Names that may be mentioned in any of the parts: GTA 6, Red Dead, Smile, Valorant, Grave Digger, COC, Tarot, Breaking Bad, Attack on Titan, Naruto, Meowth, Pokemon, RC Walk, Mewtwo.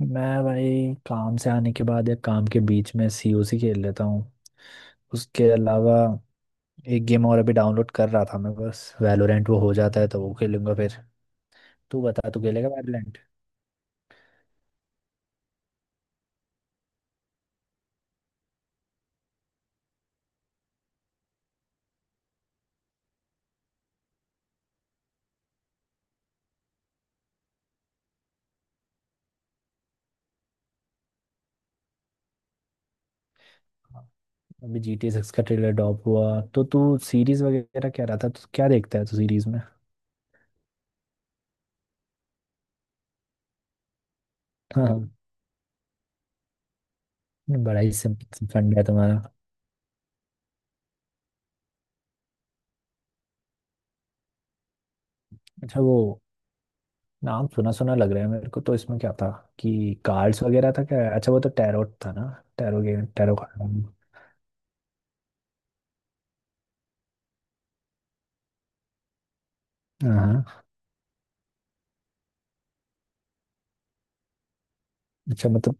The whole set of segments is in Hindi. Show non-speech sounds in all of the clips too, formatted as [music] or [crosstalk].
मैं भाई काम से आने के बाद या काम के बीच में सीओसी खेल लेता हूँ। उसके अलावा एक गेम और अभी डाउनलोड कर रहा था मैं, बस वैलोरेंट वो हो जाता है तो वो खेलूंगा फिर। तू बता, तू खेलेगा वैलोरेंट? अभी जी टी 6 का ट्रेलर ड्रॉप हुआ तो तू सीरीज वगैरह कह रहा था, तो क्या देखता है तू सीरीज में? हाँ, बड़ा ही सिंपल फंड है तुम्हारा। अच्छा वो, नाम सुना सुना लग रहा है मेरे को, तो इसमें क्या था, कि कार्ड्स वगैरह था क्या? अच्छा वो तो टैरोट था ना? Tarot game, tarot card. हाँ हाँ। अच्छा मतलब।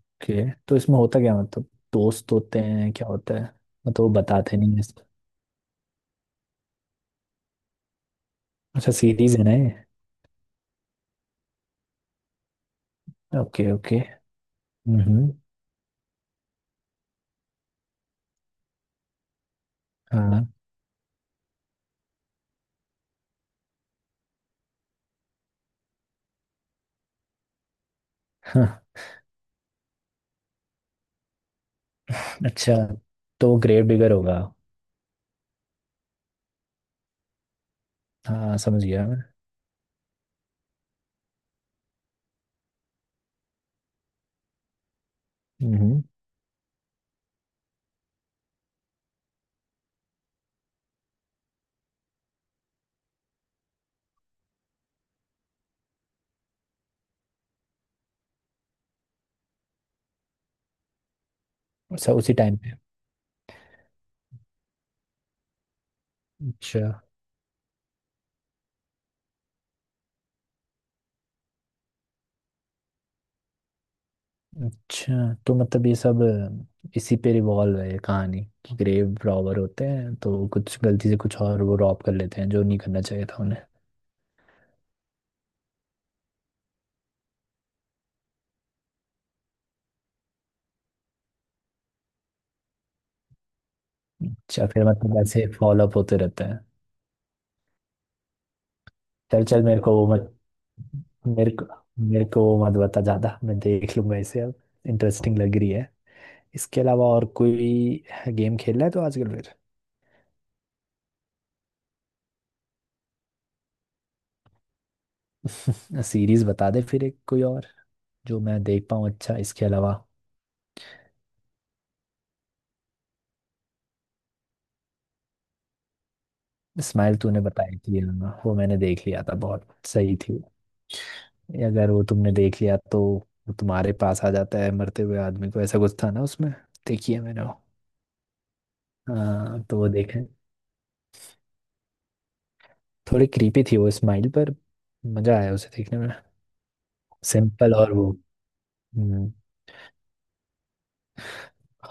ओके, तो इसमें होता क्या, मतलब दोस्त होते हैं, क्या होता है? मतलब वो बताते नहीं है इसको? अच्छा सीरीज है ना ये? Okay okay. हम्म। हाँ हाँ। अच्छा तो वो ग्रेव डिगर होगा। हाँ समझ गया मैं। हम्म। सब उसी टाइम पे? अच्छा। अच्छा तो मतलब ये सब इसी पे रिवॉल्व है ये कहानी, कि ग्रेव रॉबर होते हैं तो कुछ गलती से कुछ और वो रॉब कर लेते हैं जो नहीं करना चाहिए था उन्हें। अच्छा फिर मतलब ऐसे फॉलो अप होते रहते हैं। चल चल, मेरे को मेरे को वो मत बता ज्यादा, मैं देख लूंगा इसे अब। इंटरेस्टिंग लग रही है। इसके अलावा और कोई गेम खेल रहा है तो आजकल? फिर [laughs] सीरीज बता दे फिर, एक कोई और जो मैं देख पाऊँ। अच्छा इसके अलावा। स्माइल तूने बताई थी, हाँ, वो मैंने देख लिया था, बहुत सही थी वो। अगर वो तुमने देख लिया तो वो तुम्हारे पास आ जाता है मरते हुए आदमी को, ऐसा कुछ था ना उसमें? देखी है मैंने वो। हाँ तो वो देखें। थोड़ी क्रीपी थी वो स्माइल, पर मजा आया उसे देखने में। सिंपल और वो। हम्म।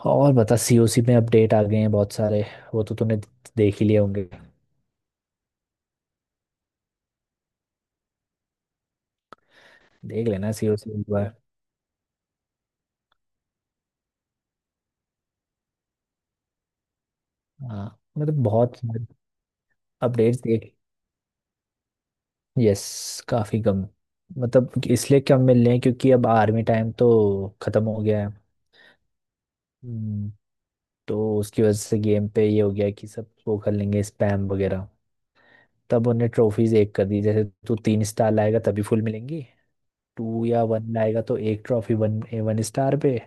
और बता, सीओसी में अपडेट आ गए हैं बहुत सारे, वो तो तूने देख ही लिए होंगे। देख लेना सीओसी एक बार। हाँ मतलब बहुत। अपडेट्स देख। यस, काफी कम। मतलब कि इसलिए कम मिल रहे हैं क्योंकि अब आर्मी टाइम तो खत्म हो गया है। हम्म। तो उसकी वजह से गेम पे ये हो गया कि सब वो कर लेंगे स्पैम वगैरह, तब उन्हें ट्रॉफीज एक कर दी, जैसे तू 3 स्टार लाएगा तभी फुल मिलेंगी। टू या वन लाएगा तो एक ट्रॉफी, वन, वन स्टार पे।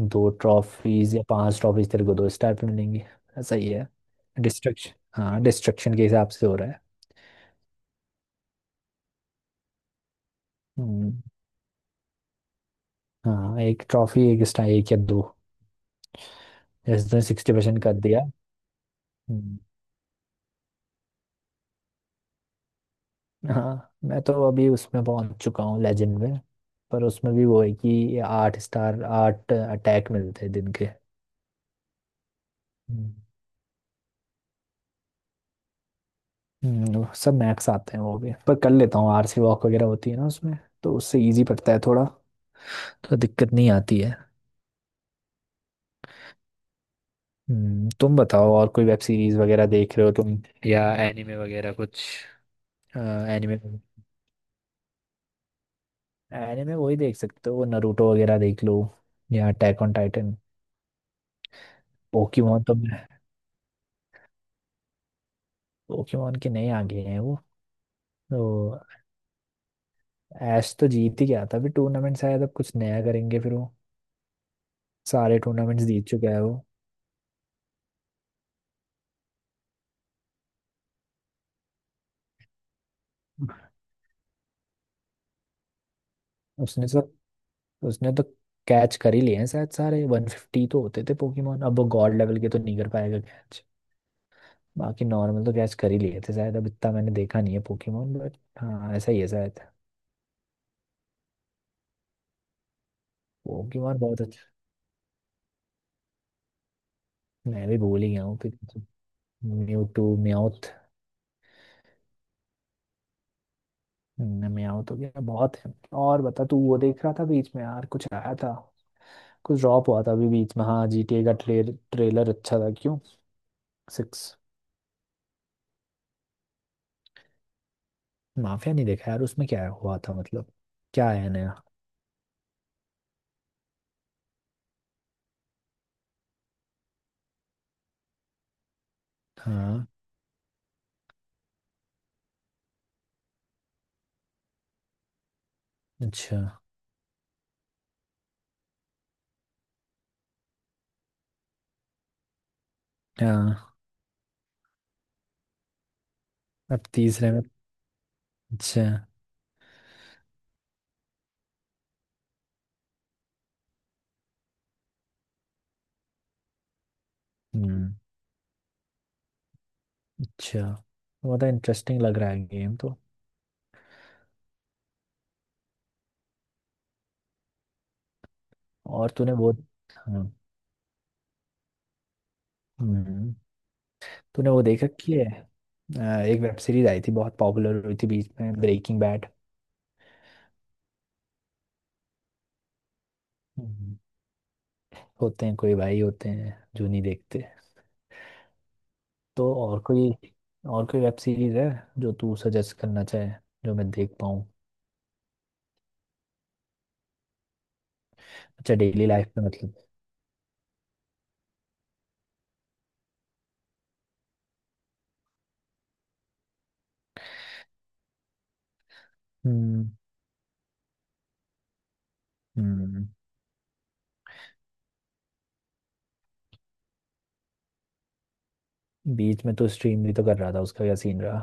दो ट्रॉफीज या पांच ट्रॉफीज तेरे को दो स्टार पे मिलेंगी। ऐसा ही है। डिस्ट्रक्शन। हाँ डिस्ट्रक्शन के हिसाब से हो रहा है। हम्म। हाँ एक ट्रॉफी एक स्टार, एक या दो, जैसे तुमने 60% कर दिया। हम्म। हाँ मैं तो अभी उसमें पहुंच चुका हूँ, लेजेंड में। पर उसमें भी वो है कि आठ स्टार, आठ अटैक मिलते हैं दिन के। हम्म। वो सब मैक्स आते हैं वो भी, पर कर लेता हूँ, आरसी वॉक वगैरह होती है ना उसमें, तो उससे इजी पड़ता है थोड़ा, तो दिक्कत नहीं आती है। हम्म। तुम बताओ और कोई वेब सीरीज वगैरह देख रहे हो तुम, या एनिमे वगैरह कुछ? एनिमे। एनिमे वही देख सकते हो, नरूटो वगैरह देख लो, या अटैक ऑन टाइटन। पोकेमोन तो। पोकेमोन के नए आ गए हैं वो। तो ऐश तो जीत ही गया था अभी टूर्नामेंट, शायद अब कुछ नया करेंगे फिर वो। सारे टूर्नामेंट्स जीत चुका है वो। उसने तो उसने तो कैच कर ही लिए हैं शायद सारे। 150 तो होते थे पोकेमोन, अब वो गॉड लेवल के तो नहीं कर पाएगा। बाकी नॉर्मल तो गैस कर ही लिए थे शायद, अब इतना मैंने देखा नहीं है पोकेमोन, बट हाँ ऐसा ही है शायद। पोकेमोन बहुत अच्छा। मैं भी भूल ही गया हूँ। Mewtwo mouth. म्याउथ हो गया बहुत है। और बता, तू वो देख रहा था बीच में यार, कुछ आया था, कुछ ड्रॉप हुआ था अभी बीच में। हाँ जीटीए का ट्रेलर अच्छा था क्यों? 6। माफिया नहीं देखा यार, उसमें क्या हुआ था मतलब, क्या आया नया? हाँ। अच्छा। हाँ। अब तीसरे में। अच्छा। हम्म। अच्छा। बहुत इंटरेस्टिंग लग रहा है गेम तो। और तूने वो। हाँ। हम्म, तूने वो देख रखी है, अ, एक वेब सीरीज आई थी बहुत पॉपुलर हुई थी बीच में, ब्रेकिंग बैड। होते हैं, कोई भाई होते हैं जो नहीं देखते। तो और कोई, और कोई वेब सीरीज है जो तू सजेस्ट करना चाहे, जो मैं देख पाऊँ? अच्छा डेली लाइफ में मतलब। हम्म। हम्म। बीच में तो स्ट्रीम भी तो कर रहा था, उसका क्या सीन रहा?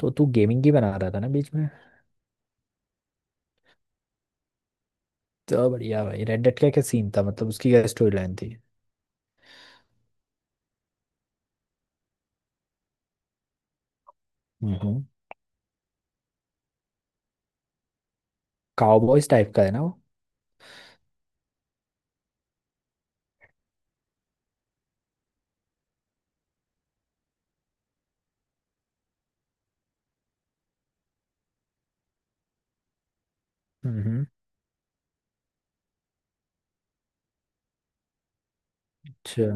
तो तू गेमिंग की बना रहा था ना बीच में? तो बढ़िया भाई, रेड डेड का क्या सीन था, मतलब उसकी क्या स्टोरी लाइन थी? हम्म। काउबॉयज टाइप का है ना? हम्म। अच्छा।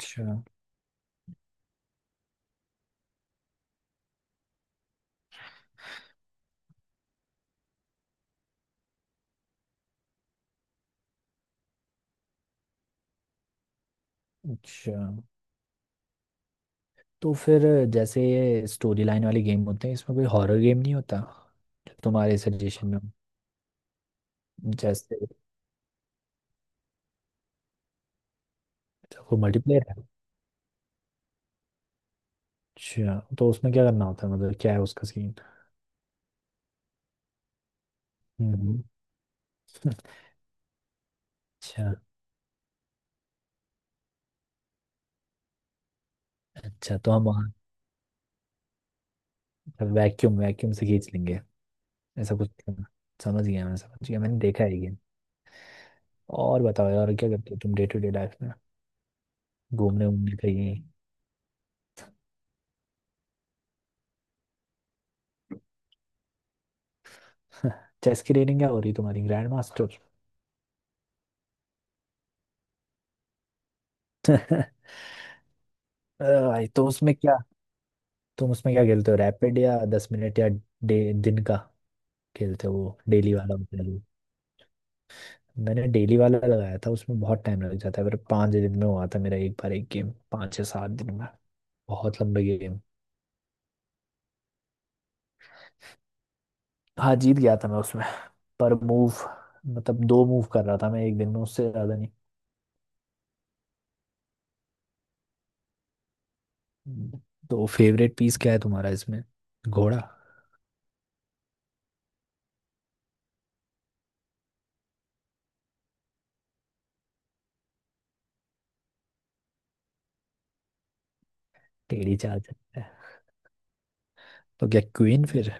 अच्छा। अच्छा। तो फिर जैसे ये स्टोरी लाइन वाले गेम होते हैं, इसमें कोई हॉरर गेम नहीं होता जो तुम्हारे सजेशन में हो? जैसे। वो मल्टीप्लेयर है? अच्छा तो उसमें क्या करना होता है, मतलब क्या है उसका सीन? हम्म। अच्छा। अच्छा, तो हम वहाँ वैक्यूम, वैक्यूम से खींच लेंगे, ऐसा कुछ करना। समझ गया मैं, समझ गया, मैंने देखा है ये। और बताओ यार, क्या करते हो तुम डे टू डे लाइफ में? घूमने, घूमने कहीं? [laughs] चेस की रेटिंग क्या हो रही है तुम्हारी, ग्रैंड मास्टर? [laughs] भाई तो उसमें क्या, तुम उसमें क्या खेलते हो, रैपिड या 10 मिनट, या दिन का खेलते हो वो, डेली वाला मतलब? मैंने डेली वाला लगाया था, उसमें बहुत टाइम लग जाता है। मेरे 5 दिन में हुआ था मेरा एक बार एक गेम, 5 या 7 दिन में। बहुत लंबे गेम। हाँ जीत गया था मैं उसमें। पर मूव, मतलब दो मूव कर रहा था मैं एक दिन में, उससे ज्यादा नहीं। हम्म। तो फेवरेट पीस क्या है तुम्हारा इसमें, घोड़ा? टेढ़ी चाल चलता है। तो क्या क्वीन फिर?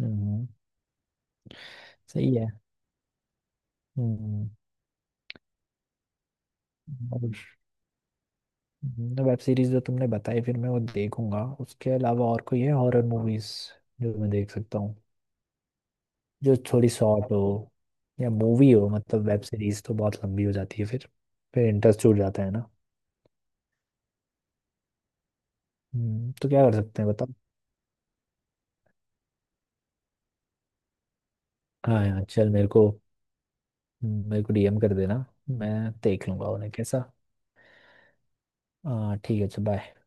हम्म। सही है। हम्म। और। तो वेब सीरीज जो तुमने बताई फिर मैं वो देखूंगा, उसके अलावा और कोई है हॉरर मूवीज जो मैं देख सकता हूँ, जो थोड़ी शॉर्ट हो, या मूवी हो, मतलब वेब सीरीज तो बहुत लंबी हो जाती है फिर इंटरेस्ट छूट जाता है ना। तो क्या कर सकते हैं बताओ? हाँ यार चल, मेरे को डीएम कर देना, मैं देख लूंगा उन्हें कैसा। हाँ ठीक है, अच्छा बाय।